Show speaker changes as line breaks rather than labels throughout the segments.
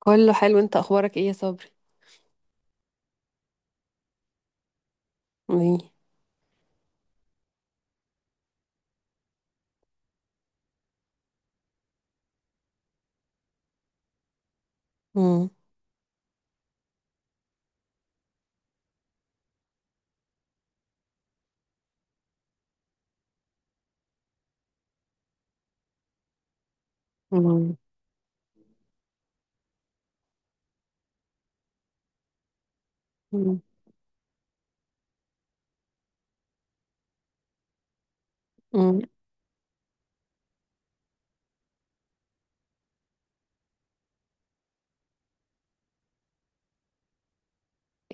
كله حلو، انت اخبارك ايه يا صبري؟ ايه؟ مم. مم. مم. مم.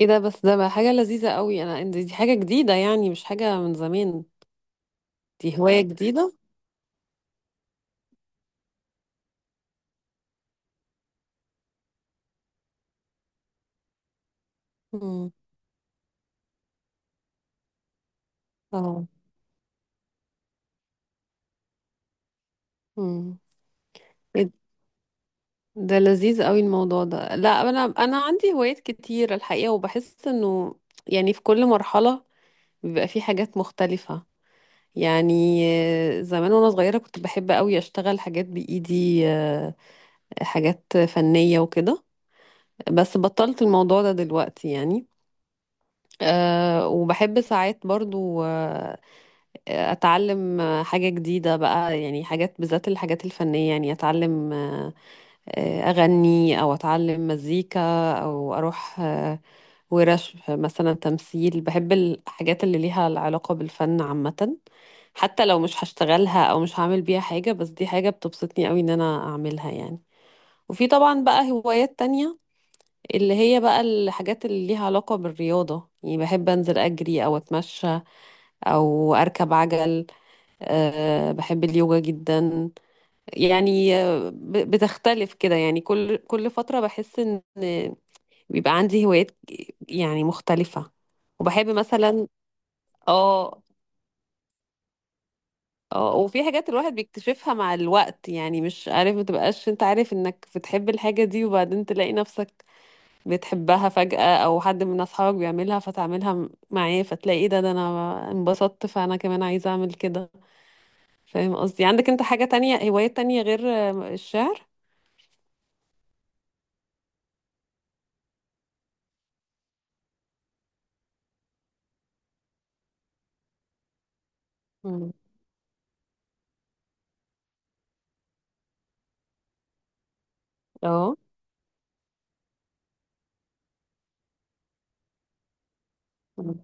ايه ده! بس ده بقى حاجة لذيذة قوي. انا دي حاجة جديدة، يعني مش حاجة من زمان. دي هواية جديدة. مم. اه. مم. ايه. ده لذيذ قوي الموضوع ده. لا، انا عندي هوايات كتير الحقيقة، وبحس انه يعني في كل مرحلة بيبقى في حاجات مختلفة، يعني زمان وانا صغيرة كنت بحب قوي اشتغل حاجات بايدي، حاجات فنية وكده. بس بطلت الموضوع ده دلوقتي يعني. وبحب ساعات برضو، آه، أتعلم حاجة جديدة بقى، يعني حاجات، بالذات الحاجات الفنية، يعني أتعلم، أغني أو أتعلم مزيكا أو أروح ورش مثلا تمثيل. بحب الحاجات اللي ليها العلاقة بالفن عامة، حتى لو مش هشتغلها أو مش هعمل بيها حاجة، بس دي حاجة بتبسطني قوي إن أنا أعملها، يعني. وفي طبعا بقى هوايات تانية، اللي هي بقى الحاجات اللي ليها علاقة بالرياضة، يعني بحب أنزل أجري أو أتمشى أو أركب عجل. أه، بحب اليوجا جدا. يعني بتختلف كده، يعني كل فترة بحس إن بيبقى عندي هوايات يعني مختلفة. وبحب مثلا. اه. اه. وفي حاجات الواحد بيكتشفها مع الوقت، يعني مش عارف، متبقاش انت عارف انك بتحب الحاجة دي وبعدين تلاقي نفسك بتحبها فجأة، أو حد من أصحابك بيعملها فتعملها معاه، فتلاقي إيه ده، ده أنا انبسطت، فأنا كمان عايزة أعمل كده. فاهم قصدي؟ عندك أنت حاجة تانية، هوايات تانية غير الشعر؟ مم. اه. مم.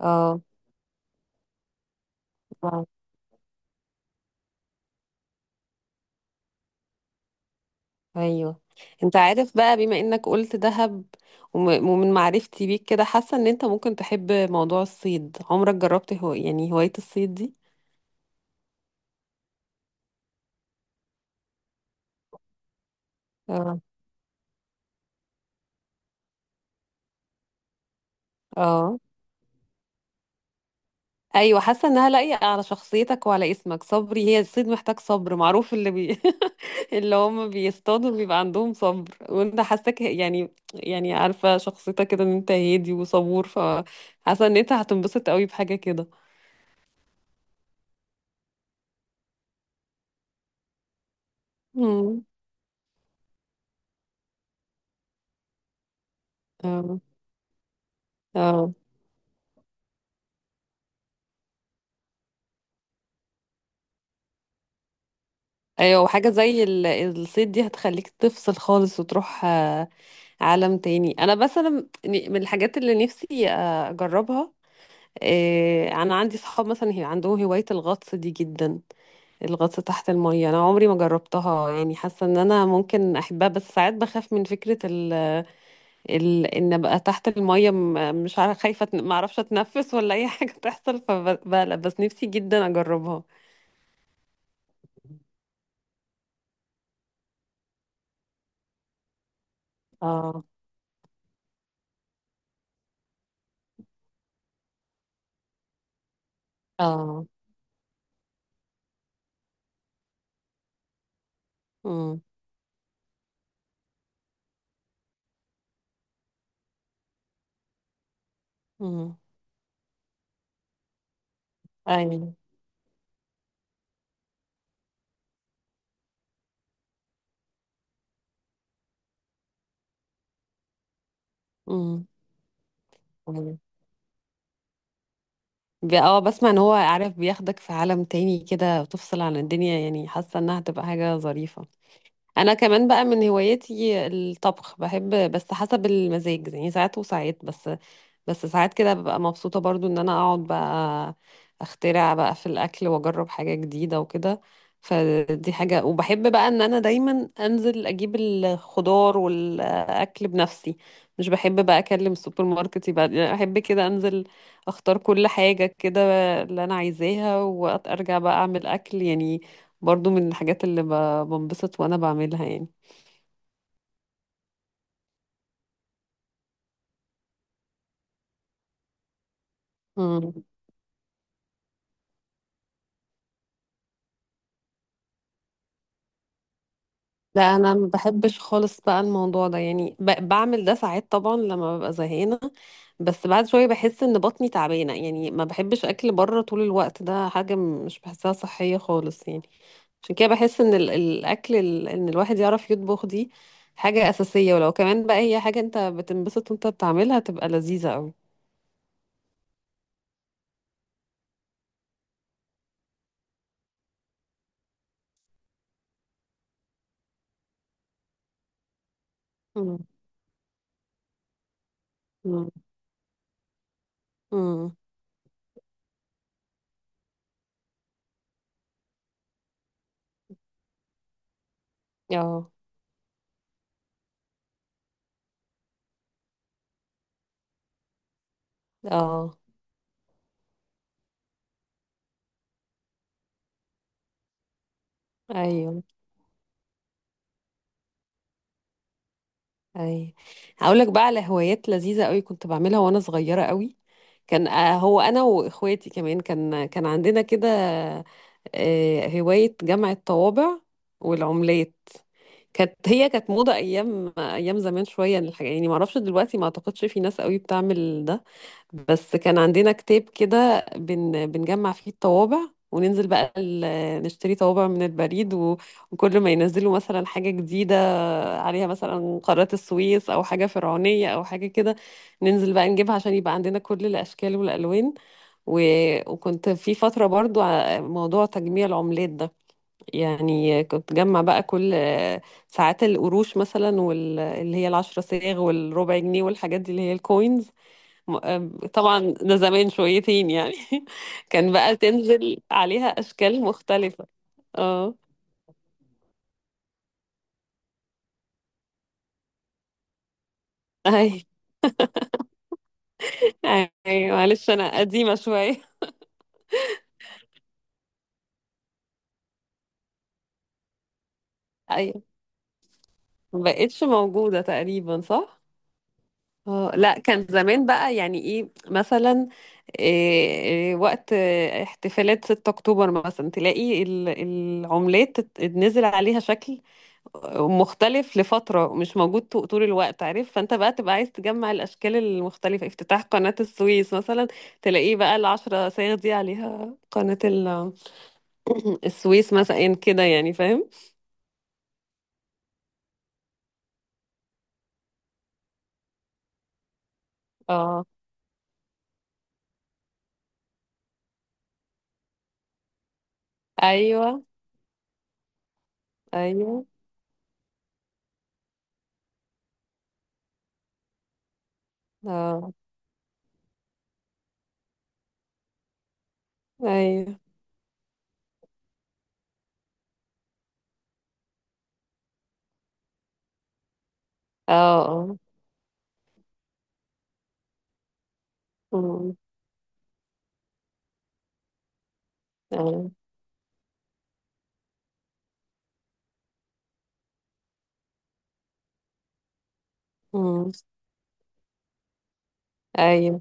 اه. آه. ايوه. أنت عارف، بقى بما إنك قلت دهب ومن معرفتي بيك كده، حاسة إن أنت ممكن تحب موضوع الصيد. عمرك جربت، هو، يعني هواية الصيد دي؟ اه. اه. ايوه، حاسه انها لايقه على شخصيتك وعلى اسمك صبري. هي الصيد محتاج صبر، معروف اللي بي... اللي هم بيصطادوا بيبقى عندهم صبر، وانت حاساك، يعني عارفه شخصيتك كده، ان انت هادي وصبور، فحاسه ان انت هتنبسط قوي بحاجه كده. امم. اه. اه. ايوه، وحاجه زي الصيد دي هتخليك تفصل خالص وتروح عالم تاني. انا مثلا من الحاجات اللي نفسي اجربها، انا عندي صحاب مثلا هي عندهم هوايه الغطس دي جدا. الغطس تحت المية أنا عمري ما جربتها، يعني حاسة إن أنا ممكن أحبها، بس ساعات بخاف من فكرة إن أبقى تحت المية، مش عارفة، خايفة ما أعرفش أتنفس ولا أي حاجة تحصل فبقلق، بس نفسي جدا أجربها. اه. اه. امم. امم. أيوه. امم. أيوه. اه، بسمع إن هو، عارف، بياخدك في عالم تاني كده وتفصل عن الدنيا، يعني حاسة إنها هتبقى حاجة ظريفة. انا كمان بقى من هواياتي الطبخ، بحب بس حسب المزاج يعني، ساعات وساعات. بس ساعات كده ببقى مبسوطة برضو ان انا اقعد بقى اخترع بقى في الاكل واجرب حاجة جديدة وكده. فدي حاجة. وبحب بقى ان انا دايما انزل اجيب الخضار والاكل بنفسي. مش بحب بقى اكلم السوبر ماركت يبقى، يعني احب كده انزل اختار كل حاجة كده اللي انا عايزاها وارجع بقى اعمل اكل، يعني. برضو من الحاجات اللي بنبسط وانا بعملها. يعني لا، انا ما بحبش خالص بقى الموضوع ده، يعني بعمل ده ساعات طبعا لما ببقى زهقانه. بس بعد شويه بحس ان بطني تعبانه، يعني ما بحبش اكل بره طول الوقت، ده حاجه مش بحسها صحيه خالص، يعني. عشان كده بحس ان الاكل، ان الواحد يعرف يطبخ دي حاجه اساسيه. ولو كمان بقى هي حاجه انت بتنبسط وانت بتعملها تبقى لذيذه قوي. امم. امم. اه. اه. ايوه. اي. هقول لك بقى على هوايات لذيذه قوي كنت بعملها وانا صغيره قوي. كان آه، هو انا واخواتي كمان كان عندنا كده، هوايه جمع الطوابع والعملات. كانت، هي كانت موضه ايام، ايام زمان شويه الحاجه، يعني ما اعرفش دلوقتي، ما اعتقدش في ناس قوي بتعمل ده. بس كان عندنا كتاب كده، بنجمع فيه الطوابع وننزل بقى نشتري طوابع من البريد، وكل ما ينزلوا مثلا حاجة جديدة، عليها مثلا قارات السويس أو حاجة فرعونية أو حاجة كده، ننزل بقى نجيبها عشان يبقى عندنا كل الأشكال والألوان، و... وكنت في فترة برضو موضوع تجميع العملات ده. يعني كنت جمع بقى كل ساعات القروش مثلا، واللي هي العشرة صاغ والربع جنيه والحاجات دي اللي هي الكوينز. م- آم، طبعا ده زمان شويتين، يعني. كان بقى تنزل عليها أشكال مختلفة. اه. أي، أي، معلش أنا قديمة شوية. أيوة، مبقتش موجودة تقريبا، صح؟ اه لا، كان زمان بقى يعني ايه مثلا. إيه إيه وقت احتفالات 6 اكتوبر مثلا تلاقي العملات نزل عليها شكل مختلف لفترة، مش موجود طول الوقت، عارف، فانت بقى تبقى عايز تجمع الاشكال المختلفة. افتتاح قناة السويس مثلا تلاقيه بقى العشرة صايغ دي عليها قناة السويس مثلا كده، يعني فاهم. اه. ايوه. ايوه. اه. ايوه. اه. اه. أمم. آه. أمم. ايوه،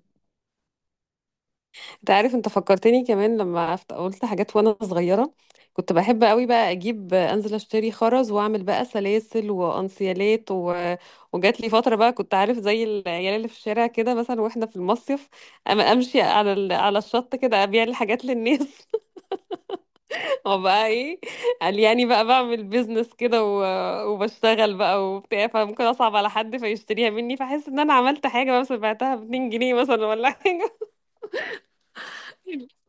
انت عارف، انت فكرتني كمان لما قلت حاجات وانا صغيره. كنت بحب قوي بقى اجيب، انزل اشتري خرز واعمل بقى سلاسل وانسيالات، وجات لي فتره بقى، كنت، عارف، زي العيال اللي في الشارع كده مثلا واحنا في المصيف اما امشي على على الشط كده ابيع الحاجات للناس. وبقى ايه، قال يعني بقى بعمل بيزنس كده، وبشتغل بقى وبتاع، فممكن اصعب على حد فيشتريها مني فاحس ان انا عملت حاجه، بس بعتها ب 2 جنيه مثلا ولا حاجه.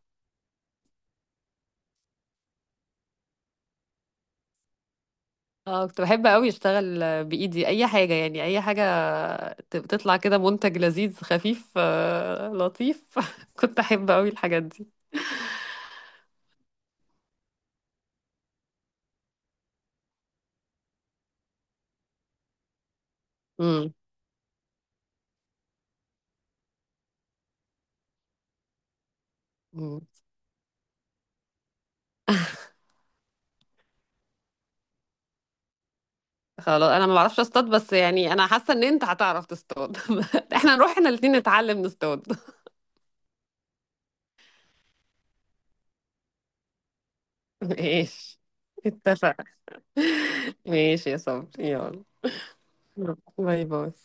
اه، كنت بحب قوي اشتغل بايدي اي حاجه، يعني اي حاجه تطلع كده منتج لذيذ خفيف، لطيف. كنت احب قوي الحاجات دي. امم. أمم. خلاص، انا ما بعرفش اصطاد، بس يعني انا حاسه ان انت هتعرف تصطاد. احنا نروح احنا الاثنين نتعلم نصطاد. ماشي. اتفق. ماشي يا صبري، يلا باي باي.